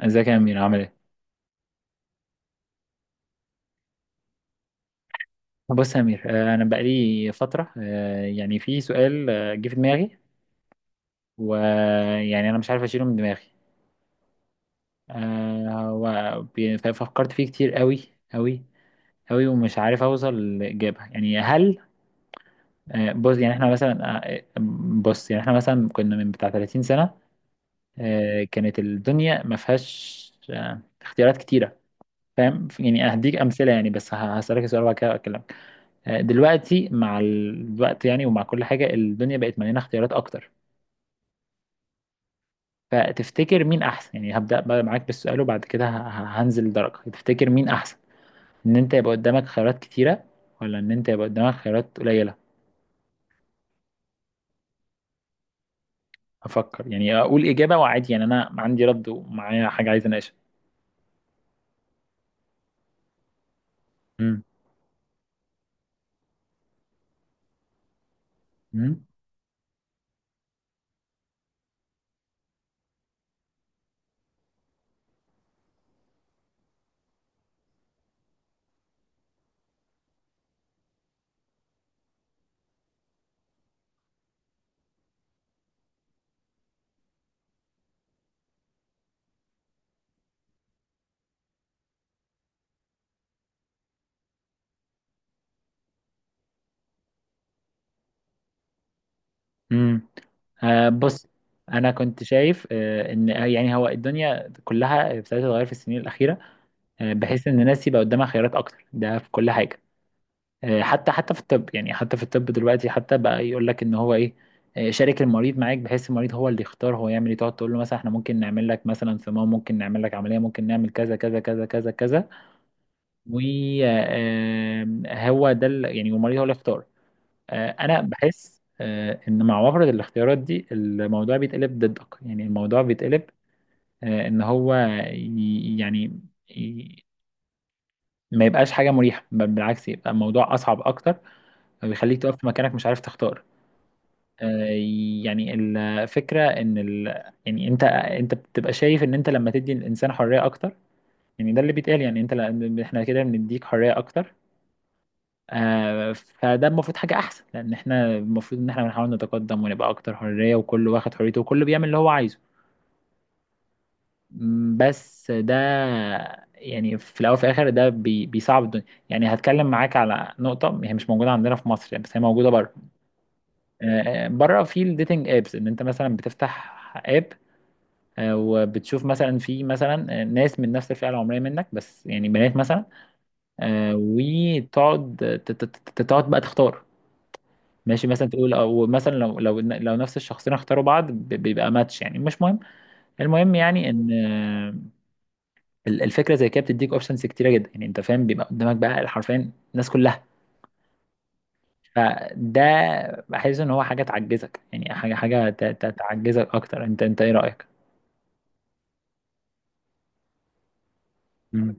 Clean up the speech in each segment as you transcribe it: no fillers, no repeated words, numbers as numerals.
ازيك يا امير عامل ايه؟ بص يا امير، انا بقالي فتره، يعني في سؤال جه في دماغي، ويعني انا مش عارف اشيله من دماغي. ففكرت فيه كتير قوي قوي ومش عارف اوصل لاجابه. يعني هل، بص، يعني احنا مثلا، آه، بص يعني احنا مثلا كنا من بتاع 30 سنه، كانت الدنيا ما فيهاش اختيارات كتيره. فاهم؟ يعني هديك امثله، يعني بس هسالك سؤال وبعد كده اكلمك. دلوقتي مع الوقت، يعني ومع كل حاجة، الدنيا بقت مليانة اختيارات أكتر. فتفتكر مين أحسن؟ يعني هبدأ بقى معاك بالسؤال وبعد كده هنزل درجة. تفتكر مين أحسن؟ إن أنت يبقى قدامك خيارات كتيرة، ولا إن أنت يبقى قدامك خيارات قليلة؟ أفكر، يعني أقول إجابة وعادي، يعني أنا عندي رد ومعايا حاجة عايز أناقشها. مم. مم. مم. آه بص، انا كنت شايف آه ان، يعني هو الدنيا كلها ابتدت تتغير في السنين الاخيره، آه بحيث ان الناس يبقى قدامها خيارات اكتر، ده في كل حاجه. حتى في الطب، يعني حتى في الطب دلوقتي حتى بقى يقول لك ان هو ايه، شارك المريض معاك بحيث المريض هو اللي يختار هو يعمل ايه. تقعد تقول له مثلا احنا ممكن نعمل لك مثلا صمام، ممكن نعمل لك عمليه، ممكن نعمل كذا كذا كذا كذا كذا، وهو ده يعني، والمريض هو اللي يختار. انا بحس ان مع وفرة الاختيارات دي الموضوع بيتقلب ضدك، يعني الموضوع بيتقلب ان هو ي- يعني ي- ما يبقاش حاجه مريحه، بل بالعكس، يبقى الموضوع اصعب اكتر، فبيخليك تقف في مكانك مش عارف تختار. آه، يعني الفكرة ان، ال... يعني انت بتبقى شايف ان انت لما تدي الانسان حرية اكتر، يعني ده اللي بيتقال. يعني احنا كده بنديك حرية اكتر، فده المفروض حاجة احسن، لان احنا المفروض ان احنا بنحاول نتقدم ونبقى اكتر حرية، وكل واخد حريته، وكل بيعمل اللي هو عايزه. بس ده، يعني في الاول وفي الاخر ده بيصعب الدنيا. يعني هتكلم معاك على نقطة هي مش موجودة عندنا في مصر، يعني بس هي موجودة بره. بره في الديتنج ابس، ان انت مثلا بتفتح اب وبتشوف مثلا في مثلا ناس من نفس الفئه العمريه منك، بس يعني بنات مثلا، وتقعد تقعد بقى تختار. ماشي، مثلا تقول، او مثلا لو لو نفس الشخصين اختاروا بعض بيبقى ماتش، يعني مش مهم، المهم يعني ان، الفكره زي كده بتديك اوبشنز كتيره جدا، يعني انت فاهم، بيبقى قدامك بقى حرفيا الناس كلها. فده بحس ان هو حاجه تعجزك، يعني حاجه تعجزك اكتر. انت ايه رايك؟ مم.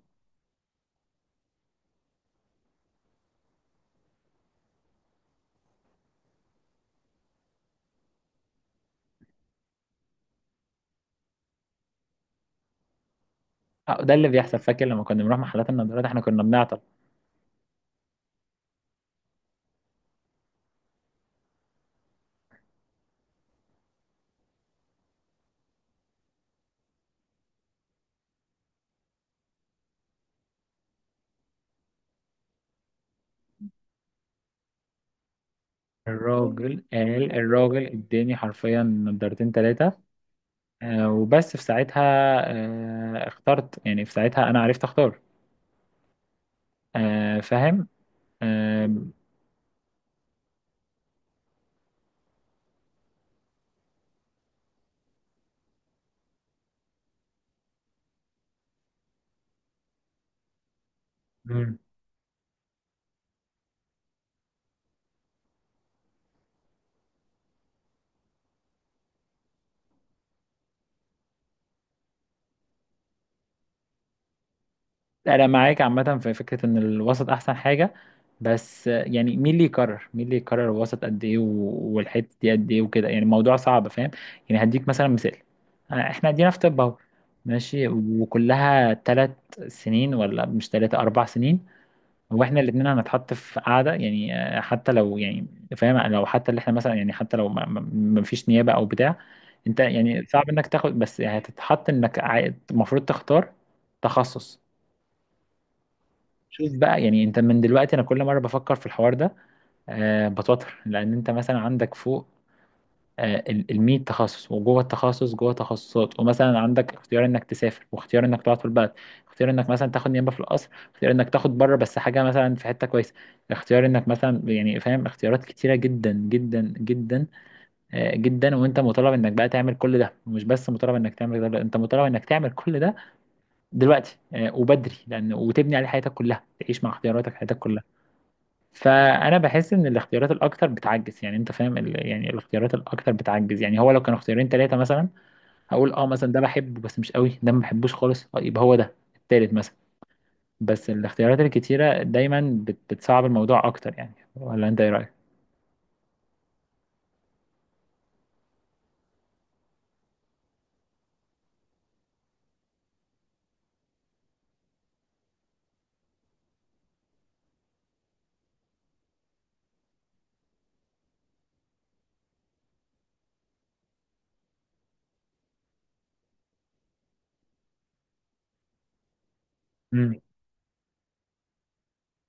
آه، ده اللي بيحصل. فاكر لما كنا بنروح محلات النظارات احنا كنا بنعطل. الراجل قال، الراجل اداني حرفيا نضارتين تلاتة، وبس في ساعتها اخترت، يعني في ساعتها انا عرفت اختار. فاهم. آه، مم. انا معاك عامة في فكرة ان الوسط احسن حاجة، بس يعني مين اللي يقرر؟ مين اللي يقرر الوسط قد ايه والحتة دي قد ايه وكده؟ يعني الموضوع صعب، فاهم. يعني هديك مثلا مثال، احنا ادينا في طب اهو، ماشي، وكلها تلات سنين ولا مش تلاتة، أربع سنين. هو احنا الاثنين هنتحط في قاعده، يعني حتى لو يعني فاهم، لو حتى اللي احنا مثلا، يعني حتى لو ما فيش نيابه او بتاع، انت يعني صعب انك تاخد، بس يعني هتتحط انك المفروض تختار تخصص. شوف بقى، يعني انت من دلوقتي انا كل مره بفكر في الحوار ده أه بتوتر، لان انت مثلا عندك فوق المية تخصص، وجوه التخصص جوه تخصصات، ومثلا عندك اختيار انك تسافر واختيار انك تقعد في البلد، اختيار انك مثلا تاخد نيابه في القصر، اختيار انك تاخد بره بس حاجه مثلا في حته كويسه، اختيار انك مثلا يعني فاهم، اختيارات كتيره جدا جدا جدا. وانت مطالب انك بقى تعمل كل ده، ومش بس مطالب انك تعمل ده لا، انت مطالب انك تعمل كل ده دلوقتي وبدري، لان وتبني عليه حياتك كلها، تعيش مع اختياراتك حياتك كلها. فانا بحس ان الاختيارات الاكتر بتعجز، يعني انت فاهم، ال... يعني الاختيارات الاكتر بتعجز. يعني هو لو كانوا اختيارين ثلاثه مثلا، هقول اه مثلا ده بحبه بس مش قوي، ده ما بحبوش خالص، يبقى هو ده التالت مثلا. بس الاختيارات الكتيره دايما بتصعب الموضوع اكتر. يعني ولا انت ايه رايك؟ امم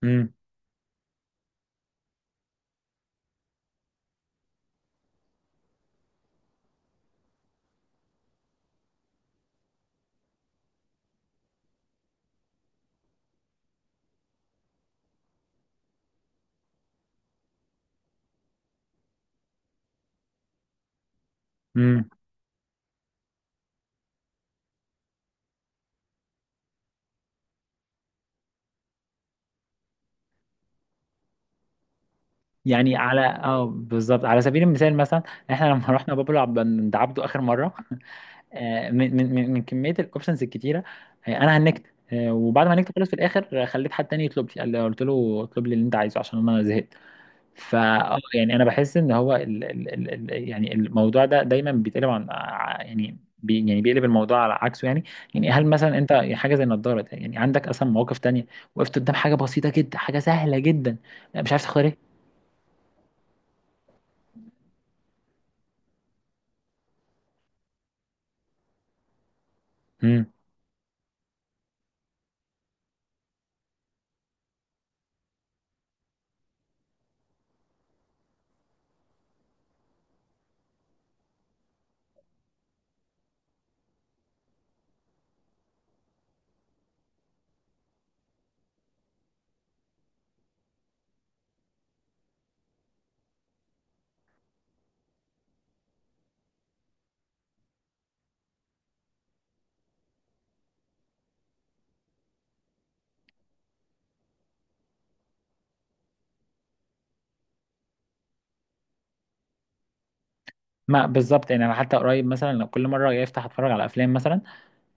امم امم يعني على اه بالظبط، على سبيل المثال مثلا، احنا لما رحنا بابلو عبد عند عبده اخر مره من كميه الاوبشنز الكتيره، انا هنكت وبعد ما هنكت خلص في الاخر خليت حد تاني يطلب لي. قال لي قلت له اطلب لي اللي انت عايزه عشان انا زهقت. فا آه، يعني انا بحس ان هو ال ال ال ال يعني الموضوع ده دايما بيتقلب يعني يعني بيقلب الموضوع على عكسه يعني. يعني هل مثلا انت حاجه زي النضاره ده؟ يعني عندك اصلا مواقف تانية وقفت قدام حاجه بسيطه جدا، حاجه سهله جدا، مش عارف تختار ايه؟ مم. ما بالظبط، يعني انا حتى قريب مثلا لو كل مره جاي افتح اتفرج على افلام مثلا،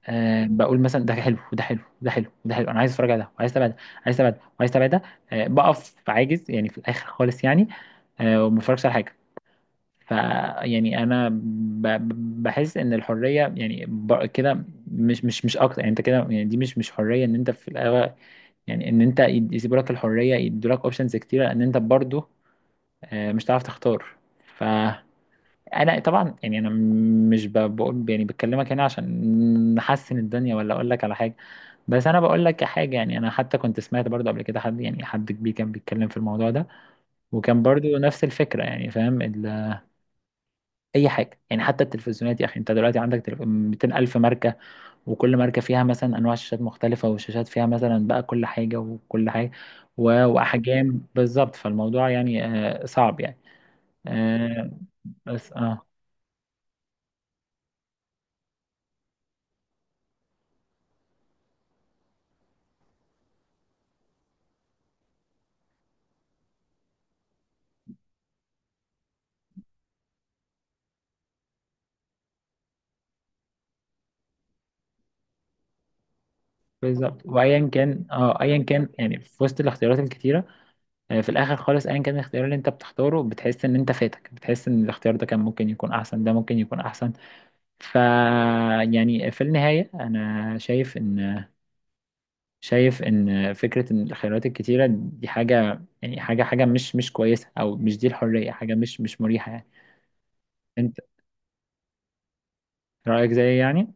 آه بقول مثلا ده حلو وده حلو وده حلو وده حلو، انا عايز اتفرج على ده وعايز اتابع ده، عايز اتابع ده وعايز اتابع ده، آه بقف عاجز يعني في الاخر خالص، يعني آه وما بتفرجش على حاجه. ف يعني انا بحس ان الحريه يعني كده مش اكتر، يعني انت كده يعني دي مش حريه. ان انت في الاغلب، يعني ان انت يسيبوا لك الحريه، يدوا لك اوبشنز كتيره، ان انت برضو آه مش هتعرف تختار. ف انا طبعا يعني انا مش بقول، يعني بكلمك هنا عشان نحسن الدنيا ولا اقول لك على حاجه، بس انا بقول لك حاجه. يعني انا حتى كنت سمعت برضو قبل كده حد، يعني حد كبير كان بيتكلم في الموضوع ده، وكان برضو نفس الفكره، يعني فاهم اي حاجه. يعني حتى التلفزيونات يا اخي، انت دلوقتي عندك 200 الف ماركه، وكل ماركه فيها مثلا انواع شاشات مختلفه، والشاشات فيها مثلا بقى كل حاجه وكل حاجه، واحجام بالظبط، فالموضوع يعني صعب يعني. آه، بس اه بالظبط، وايا كان اه ايا كان، يعني في وسط الاختيارات الكتيره في الاخر خالص ايا كان الاختيار اللي انت بتختاره، بتحس ان انت فاتك، بتحس ان الاختيار ده كان ممكن يكون احسن، ده ممكن يكون احسن. ف يعني في النهايه انا شايف ان، شايف ان فكره ان الخيارات الكتيره دي حاجه، يعني حاجه مش كويسه، او مش دي الحريه، حاجه مش مريحه يعني. انت رايك زيي يعني؟